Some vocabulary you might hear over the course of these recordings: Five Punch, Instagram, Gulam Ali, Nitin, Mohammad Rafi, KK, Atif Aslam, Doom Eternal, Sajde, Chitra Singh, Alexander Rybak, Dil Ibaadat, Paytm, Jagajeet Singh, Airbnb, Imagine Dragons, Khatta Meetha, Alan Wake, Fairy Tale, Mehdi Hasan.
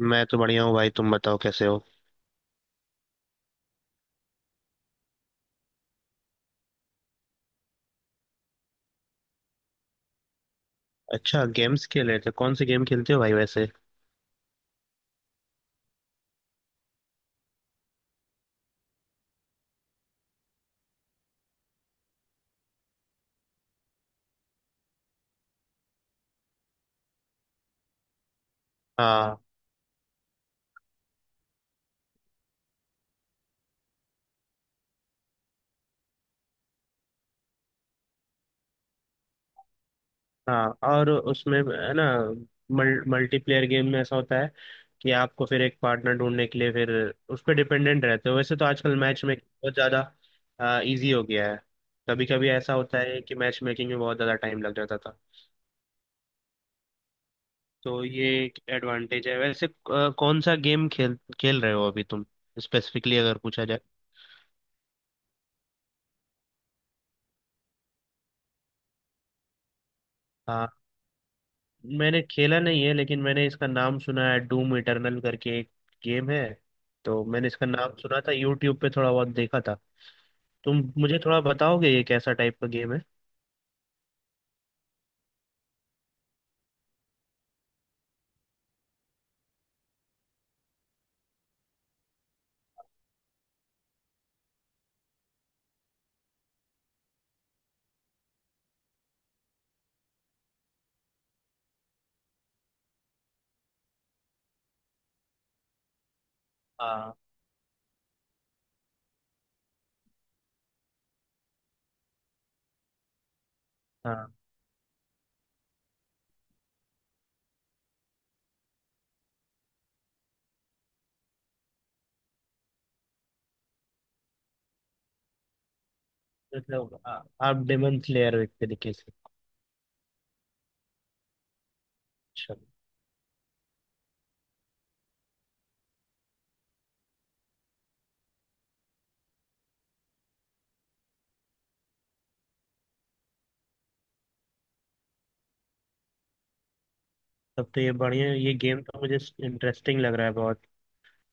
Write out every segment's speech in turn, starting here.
मैं तो बढ़िया हूँ भाई। तुम बताओ कैसे हो। अच्छा गेम्स खेल रहे थे। कौन से गेम खेलते हो भाई वैसे। हाँ हाँ, और उसमें है ना, मल्टीप्लेयर गेम में ऐसा होता है कि आपको फिर एक पार्टनर ढूंढने के लिए फिर उस पर डिपेंडेंट रहते हो। वैसे तो आजकल मैच मेकिंग बहुत ज़्यादा इजी हो गया है। कभी कभी ऐसा होता है कि मैच मेकिंग में बहुत ज़्यादा टाइम लग जाता था, तो ये एक एडवांटेज है। वैसे कौन सा गेम खेल खेल रहे हो अभी तुम, स्पेसिफिकली अगर पूछा जाए। मैंने खेला नहीं है लेकिन मैंने इसका नाम सुना है। डूम इटर्नल करके एक गेम है, तो मैंने इसका नाम सुना था, यूट्यूब पे थोड़ा बहुत देखा था। तुम मुझे थोड़ा बताओगे ये कैसा टाइप का गेम है। हाँ हाँ, मतलब आप डेमन स्लेयर हो एक तरीके से। अच्छा। तब तो ये बढ़िया, ये गेम तो मुझे इंटरेस्टिंग लग रहा है बहुत।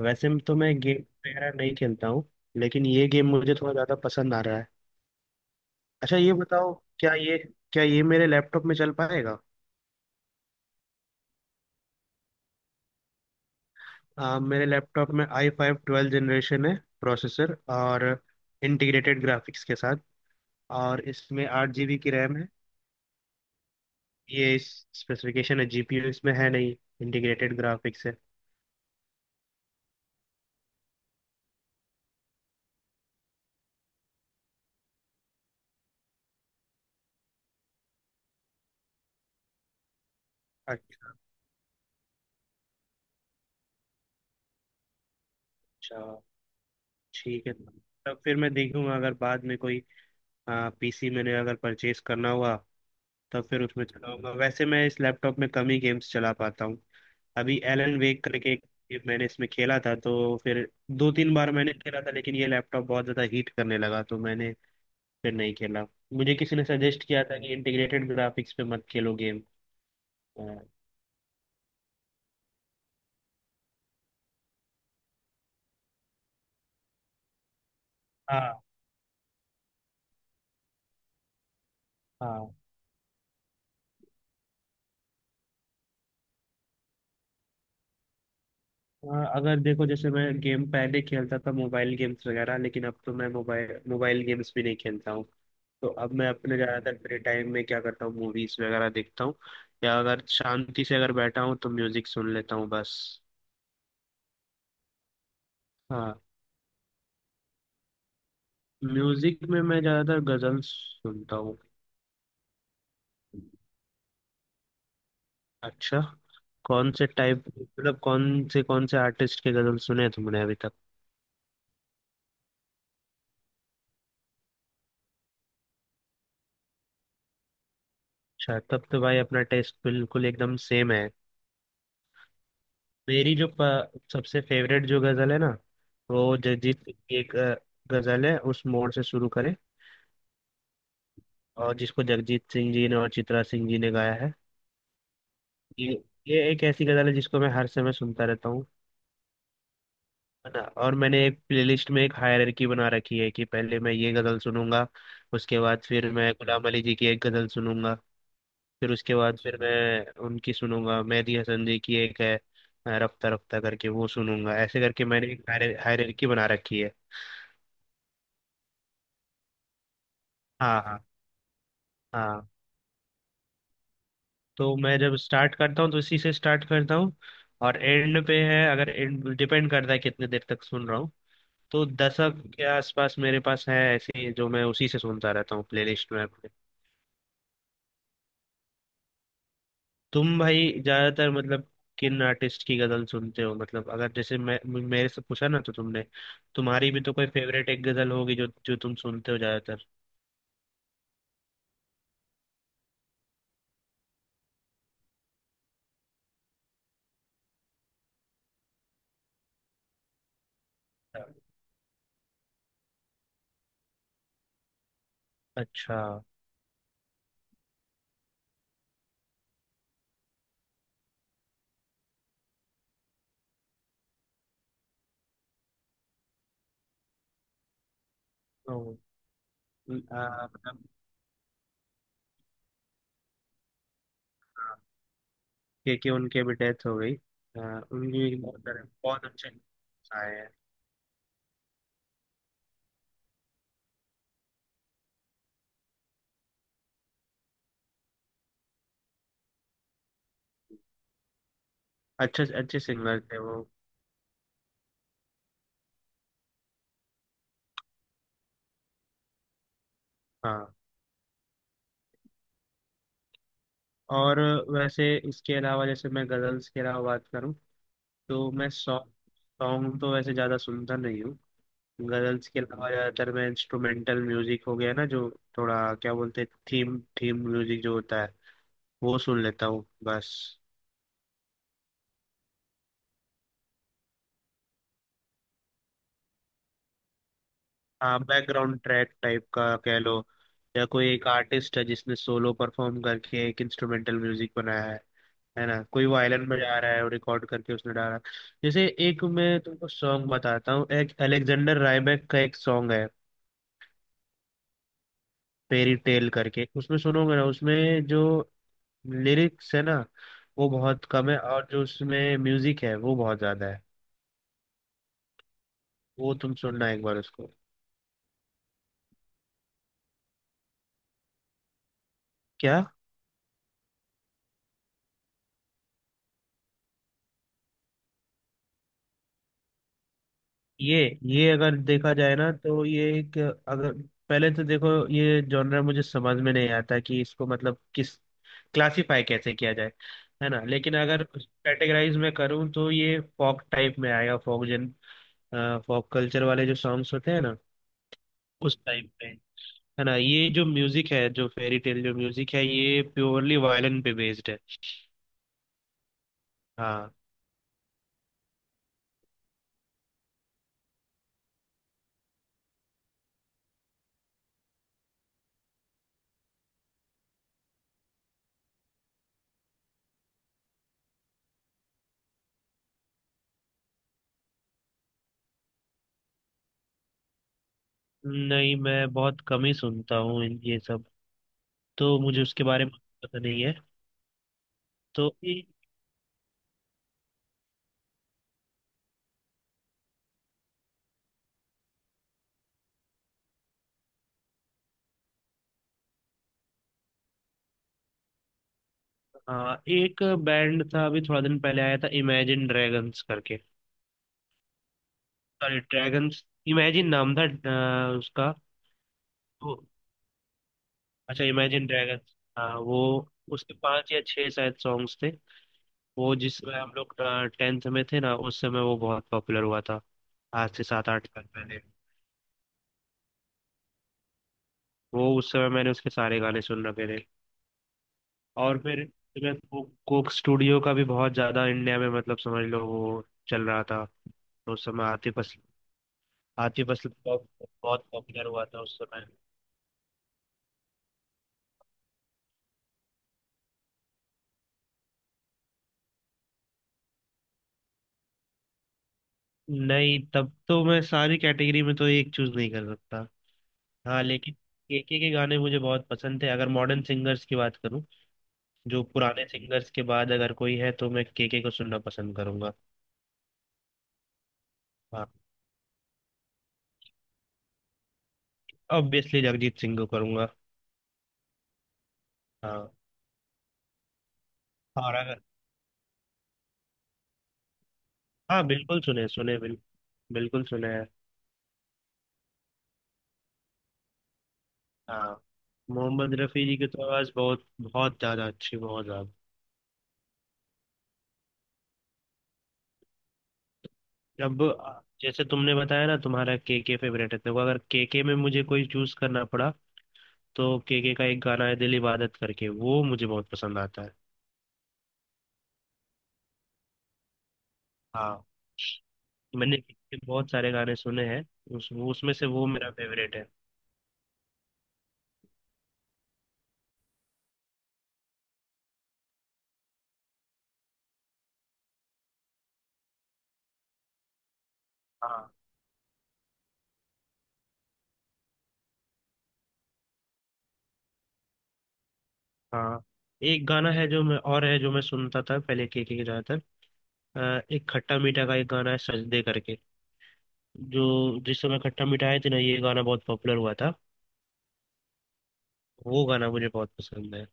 वैसे में तो मैं गेम वगैरह नहीं खेलता हूँ, लेकिन ये गेम मुझे थोड़ा ज़्यादा पसंद आ रहा है। अच्छा ये बताओ, क्या ये क्या ये मेरे लैपटॉप में चल पाएगा। मेरे लैपटॉप में आई फाइव ट्वेल्व जनरेशन है प्रोसेसर, और इंटीग्रेटेड ग्राफिक्स के साथ। और इसमें आठ जीबी की रैम है। ये इस स्पेसिफिकेशन है। जीपीयू इसमें है नहीं, इंटीग्रेटेड ग्राफिक्स है। अच्छा अच्छा, ठीक है। तब फिर मैं देखूंगा, अगर बाद में कोई पीसी मैंने अगर परचेज करना हुआ तब फिर उसमें चलाऊंगा। वैसे मैं इस लैपटॉप में कम ही गेम्स चला पाता हूँ। अभी एलन वेक करके एक मैंने इसमें खेला था, तो फिर दो तीन बार मैंने खेला था, लेकिन ये लैपटॉप बहुत ज्यादा हीट करने लगा तो मैंने फिर नहीं खेला। मुझे किसी ने सजेस्ट किया था कि इंटीग्रेटेड ग्राफिक्स पे मत खेलो गेम। हाँ हाँ। हाँ, अगर देखो जैसे मैं गेम पहले खेलता था, मोबाइल गेम्स वगैरह, लेकिन अब तो मैं मोबाइल मोबाइल गेम्स भी नहीं खेलता हूँ। तो अब मैं अपने ज़्यादातर फ्री टाइम में क्या करता हूँ, मूवीज वगैरह देखता हूँ, या अगर शांति से अगर बैठा हूँ तो म्यूजिक सुन लेता हूँ बस। हाँ, म्यूजिक में मैं ज्यादातर गजल सुनता हूँ। अच्छा, कौन से टाइप मतलब कौन से आर्टिस्ट के गजल सुने तुमने अभी तक। अच्छा, तब तो भाई अपना टेस्ट बिल्कुल एकदम सेम है। मेरी जो सबसे फेवरेट जो गजल है ना, वो जगजीत सिंह की एक गजल है, उस मोड़ से शुरू करें, और जिसको जगजीत सिंह जी ने और चित्रा सिंह जी ने गाया है। ये ये एक ऐसी गजल है जिसको मैं हर समय सुनता रहता हूँ। है ना, और मैंने एक प्लेलिस्ट में एक हायरार्की बना रखी है कि पहले मैं ये गजल सुनूंगा, उसके बाद फिर मैं गुलाम अली जी की एक गजल सुनूंगा, फिर उसके बाद फिर मैं उनकी सुनूंगा, मेहदी हसन जी की एक है रफ्ता रफ्ता करके, वो सुनूंगा। ऐसे करके मैंने एक हायरार्की बना रखी है। हाँ हाँ हाँ। तो मैं जब स्टार्ट करता हूँ तो इसी से स्टार्ट करता हूँ, और एंड पे है, अगर एंड डिपेंड करता है कितने देर तक सुन रहा हूँ। तो दशक के आसपास मेरे पास है ऐसे, जो मैं उसी से सुनता रहता हूँ प्लेलिस्ट में। तुम भाई ज्यादातर मतलब किन आर्टिस्ट की गजल सुनते हो, मतलब अगर जैसे मैं मेरे से पूछा ना तो तुमने, तुम्हारी भी तो कोई फेवरेट एक गजल होगी जो जो तुम सुनते हो ज्यादातर। अच्छा। ओ, मतलब के, उनके भी डेथ हो गई। उनकी भी बहुत तरह बहुत अच्छे आए हैं। अच्छे अच्छे सिंगर थे वो। हाँ, और वैसे इसके अलावा, जैसे मैं गजल्स के अलावा बात करूँ तो मैं सॉन्ग सॉन्ग तो वैसे ज्यादा सुनता नहीं हूँ। गजल्स के अलावा ज्यादातर मैं इंस्ट्रूमेंटल म्यूजिक हो गया ना, जो थोड़ा क्या बोलते हैं, थीम थीम म्यूजिक जो होता है वो सुन लेता हूँ बस। हाँ, बैकग्राउंड ट्रैक टाइप का कह लो, या कोई एक आर्टिस्ट है जिसने सोलो परफॉर्म करके एक इंस्ट्रूमेंटल म्यूजिक बनाया है ना, कोई वायलिन बजा रहा है और रिकॉर्ड करके उसने डाला है। जैसे एक मैं तुमको सॉन्ग बताता हूँ, एक अलेक्जेंडर रायबैक का एक सॉन्ग है फेरी टेल करके, उसमें सुनोगे ना, उसमें जो लिरिक्स है ना वो बहुत कम है, और जो उसमें म्यूजिक है वो बहुत ज्यादा है। वो तुम सुनना एक बार उसको। क्या? ये ये अगर देखा जाए ना तो ये एक, अगर पहले तो देखो ये जॉनर मुझे समझ में नहीं आता कि इसको मतलब किस, क्लासिफाई कैसे किया जाए, है ना। लेकिन अगर कैटेगराइज में करूँ तो ये फॉक टाइप में आएगा, फॉक कल्चर वाले जो सॉन्ग्स होते हैं ना उस टाइप पे। है ना, ये जो म्यूजिक है, जो फेरी टेल जो म्यूजिक है, ये प्योरली वायलिन पे बेस्ड है। हाँ। नहीं मैं बहुत कम ही सुनता हूँ ये सब, तो मुझे उसके बारे में पता नहीं है। तो हाँ एक बैंड था अभी थोड़ा दिन पहले आया था, इमेजिन ड्रैगन्स करके। सॉरी, ड्रैगन्स, इमेजिन नाम था उसका। तो अच्छा, इमेजिन ड्रैगन्स हाँ, वो उसके पांच या छह शायद सॉन्ग्स थे। वो जिस समय हम लोग टेंथ में थे ना, उस समय वो बहुत पॉपुलर हुआ था, आज से सात आठ साल पहले। वो उस समय मैंने उसके सारे गाने सुन रखे थे। और फिर कोक स्टूडियो का भी बहुत ज्यादा इंडिया में, मतलब समझ लो वो चल रहा था। तो उस समय आतिफ असलम, आतिफ असलम बहुत बहुत पॉपुलर हुआ था उस समय। नहीं तब तो मैं सारी कैटेगरी में तो एक चूज नहीं कर सकता। हाँ लेकिन केके, के गाने मुझे बहुत पसंद थे, अगर मॉडर्न सिंगर्स की बात करूँ, जो पुराने सिंगर्स के बाद अगर कोई है तो मैं केके को सुनना पसंद करूंगा। हाँ ऑब्वियसली जगजीत सिंह को करूंगा। हाँ, और अगर, हाँ बिल्कुल सुने, सुने बिल्कुल, बिल्कुल सुने। हाँ, मोहम्मद रफ़ी जी की तो आवाज़ बहुत, बहुत ज़्यादा अच्छी, बहुत ज़्यादा। अब जैसे तुमने बताया ना तुम्हारा के फेवरेट है, देखो अगर के के में मुझे कोई चूज करना पड़ा तो के का एक गाना है दिल इबादत करके, वो मुझे बहुत पसंद आता है। हाँ, मैंने के बहुत सारे गाने सुने हैं, उस उसमें से वो मेरा फेवरेट है। हाँ हाँ, एक गाना है जो मैं, और है जो मैं सुनता था पहले के ज़्यादातर, एक खट्टा मीठा का एक गाना है सजदे करके, जो जिस समय खट्टा मीठा आए थे ना, ये गाना बहुत पॉपुलर हुआ था। वो गाना मुझे बहुत पसंद है।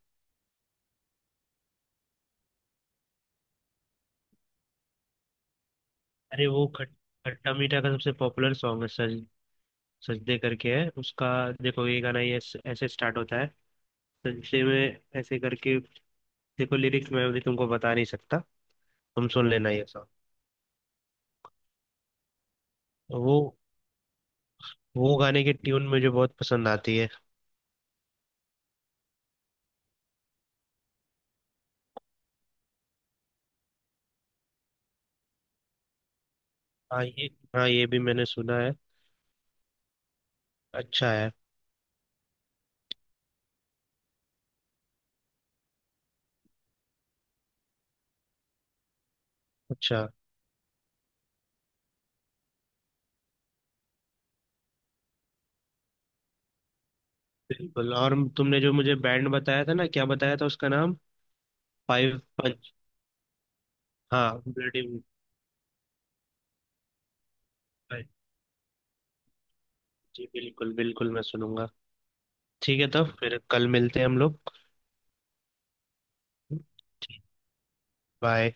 अरे वो खट खट्टा मीठा का सबसे पॉपुलर सॉन्ग है, सज सजदे करके है उसका। देखो ये गाना ये ऐसे ऐसे स्टार्ट होता है, सजदे में ऐसे करके। देखो लिरिक्स मैं अभी तुमको बता नहीं सकता, तुम सुन लेना ये सॉन्ग। वो वो गाने की ट्यून मुझे बहुत पसंद आती है। हाँ ये, हाँ ये भी मैंने सुना है, अच्छा है। अच्छा, बिल्कुल। और तुमने जो मुझे बैंड बताया था ना, क्या बताया था उसका नाम, फाइव पंच? हाँ ब्लडी। जी बिल्कुल, बिल्कुल मैं सुनूंगा। ठीक है, तब फिर कल मिलते हैं हम लोग। ठीक, बाय।